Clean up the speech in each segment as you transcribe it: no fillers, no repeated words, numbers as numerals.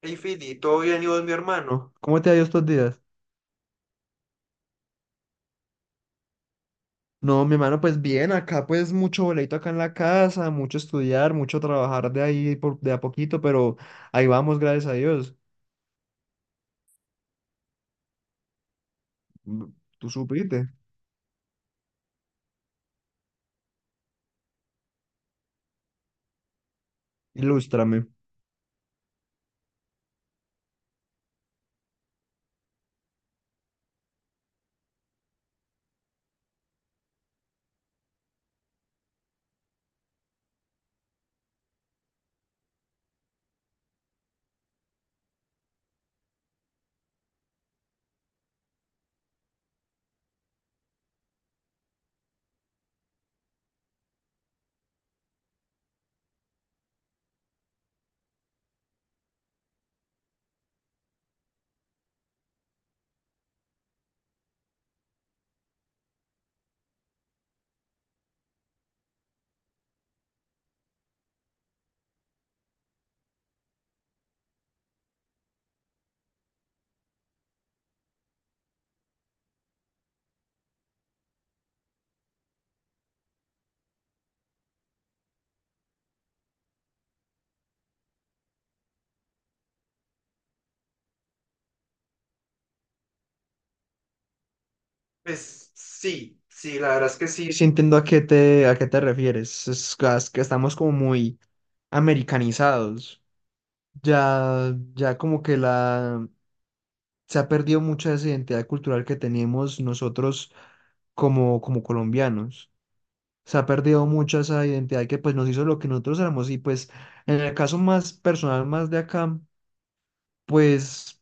Hey, Fili, ¿todo bien y vos, mi hermano? ¿Cómo te ha ido estos días? No, mi hermano, pues bien, acá pues mucho boleto acá en la casa, mucho estudiar, mucho trabajar de ahí por, de a poquito, pero ahí vamos, gracias a Dios. Mm, tú supiste, ilústrame. Pues sí, sí, la verdad es que sí, sí. Sí, entiendo a qué te refieres, es que estamos como muy americanizados, ya, ya como que la, se ha perdido mucha de esa identidad cultural que teníamos nosotros como, como colombianos. Se ha perdido mucha esa identidad que pues nos hizo lo que nosotros éramos y pues en el caso más personal, más de acá, pues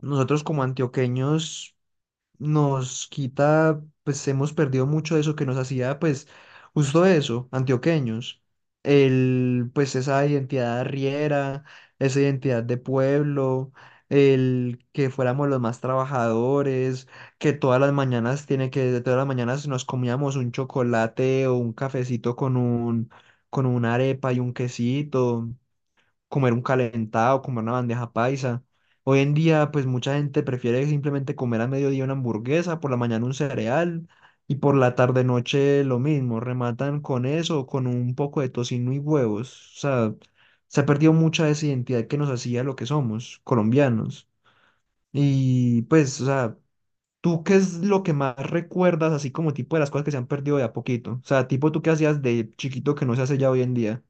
nosotros como antioqueños nos quita, pues hemos perdido mucho de eso que nos hacía, pues, justo eso, antioqueños. El, pues esa identidad riera esa identidad de pueblo, el que fuéramos los más trabajadores, que todas las mañanas tiene que, todas las mañanas nos comíamos un chocolate o un cafecito con un, con una arepa y un quesito, comer un calentado, comer una bandeja paisa. Hoy en día, pues mucha gente prefiere simplemente comer a mediodía una hamburguesa, por la mañana un cereal y por la tarde noche lo mismo. Rematan con eso, con un poco de tocino y huevos. O sea, se ha perdido mucha de esa identidad que nos hacía lo que somos, colombianos. Y pues, o sea, ¿tú qué es lo que más recuerdas, así como tipo de las cosas que se han perdido de a poquito? O sea, tipo tú qué hacías de chiquito que no se hace ya hoy en día.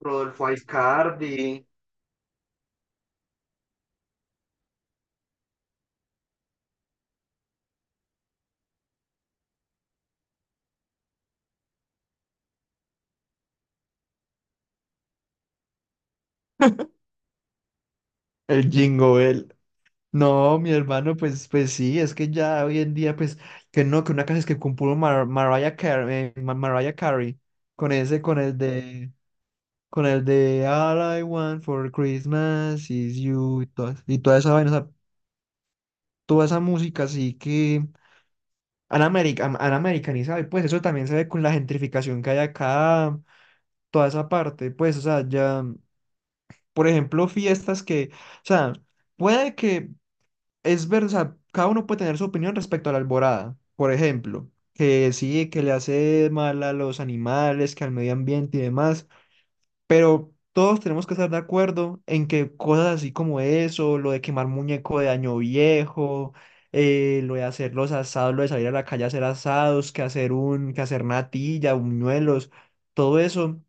Rodolfo Aizcardi, el Jingo Bell. No, mi hermano, pues, pues sí, es que ya hoy en día, pues, que no, que una canción es que compuso Mariah Carey, Mariah Carey, con ese, con el de All I Want for Christmas is You, y toda esa vaina, o sea, toda esa música, así que han, han americanizado, y pues eso también se ve con la gentrificación que hay acá, toda esa parte, pues, o sea, ya, por ejemplo, fiestas que, o sea, puede que. Es ver, o sea, cada uno puede tener su opinión respecto a la alborada. Por ejemplo, que sí, que le hace mal a los animales, que al medio ambiente y demás, pero todos tenemos que estar de acuerdo en que cosas así como eso, lo de quemar muñeco de año viejo, lo de hacer los asados, lo de salir a la calle a hacer asados, que hacer un, que hacer natilla, buñuelos, todo eso,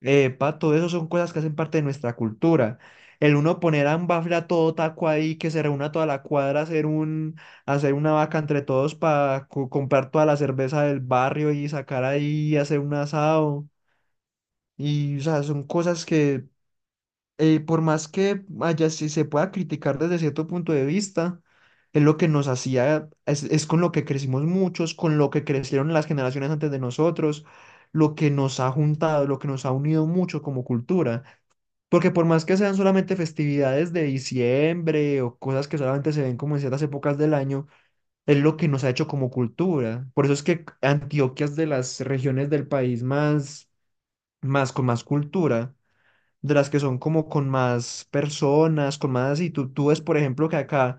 pato, eso son cosas que hacen parte de nuestra cultura. El uno poner a un bafle a todo taco ahí, que se reúna toda la cuadra a hacer un, a hacer una vaca entre todos para comprar toda la cerveza del barrio y sacar ahí, y hacer un asado. Y, o sea, son cosas que, por más que haya, si se pueda criticar desde cierto punto de vista, es lo que nos hacía, es con lo que crecimos muchos, con lo que crecieron las generaciones antes de nosotros, lo que nos ha juntado, lo que nos ha unido mucho como cultura. Porque por más que sean solamente festividades de diciembre o cosas que solamente se ven como en ciertas épocas del año, es lo que nos ha hecho como cultura. Por eso es que Antioquia es de las regiones del país más, más con más cultura, de las que son como con más personas, con más... Y tú ves, por ejemplo, que acá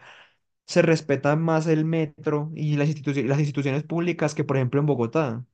se respeta más el metro y las las instituciones públicas que, por ejemplo, en Bogotá.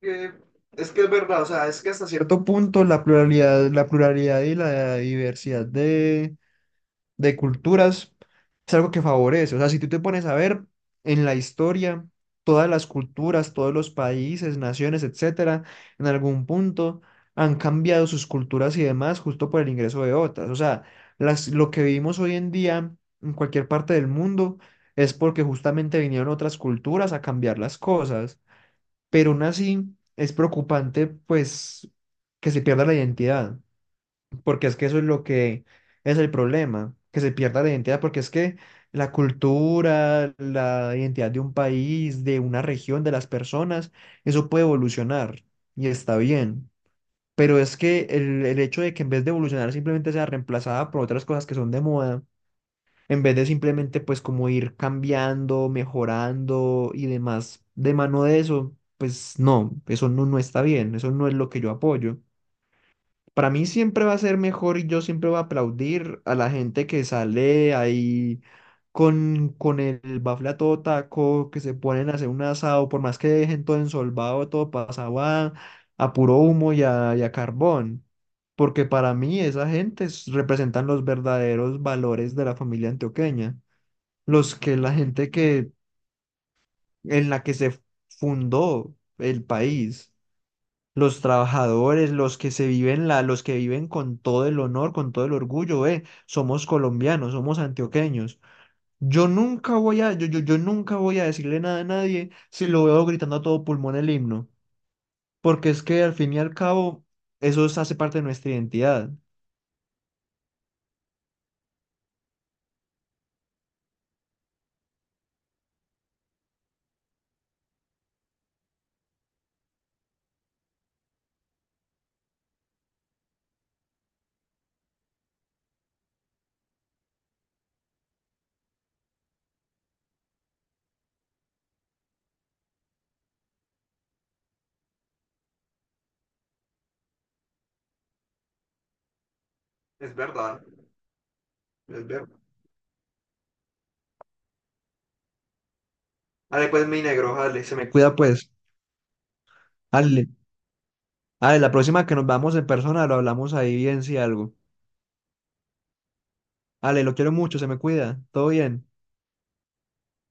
Que, es que es verdad, o sea, es que hasta cierto punto la pluralidad y la diversidad de culturas es algo que favorece. O sea, si tú te pones a ver en la historia, todas las culturas, todos los países, naciones, etcétera, en algún punto han cambiado sus culturas y demás justo por el ingreso de otras. O sea, las, lo que vivimos hoy en día en cualquier parte del mundo es porque justamente vinieron otras culturas a cambiar las cosas, pero aún así es preocupante, pues, que se pierda la identidad, porque es que eso es lo que es el problema, que se pierda la identidad, porque es que la cultura, la identidad de un país, de una región, de las personas, eso puede evolucionar y está bien. Pero es que el hecho de que en vez de evolucionar simplemente sea reemplazada por otras cosas que son de moda, en vez de simplemente pues como ir cambiando, mejorando y demás de mano de eso, pues no, eso no, no está bien, eso no es lo que yo apoyo. Para mí siempre va a ser mejor y yo siempre voy a aplaudir a la gente que sale ahí con el bafle a todo taco, que se ponen a hacer un asado, por más que dejen todo ensolvado, todo pasado a puro humo y a carbón. Porque para mí esa gente es, representan los verdaderos valores de la familia antioqueña, los que la gente que en la que se fundó el país, los trabajadores, los que se viven la, los que viven con todo el honor, con todo el orgullo, somos colombianos, somos antioqueños. Yo nunca voy a, yo nunca voy a decirle nada a nadie si lo veo gritando a todo pulmón el himno, porque es que al fin y al cabo eso es, hace parte de nuestra identidad. Es verdad, es verdad. Dale, pues, mi negro, dale, se me cuida pues, dale. Ale, la próxima que nos vamos en persona lo hablamos ahí bien si algo. Ale, lo quiero mucho, se me cuida. Todo bien.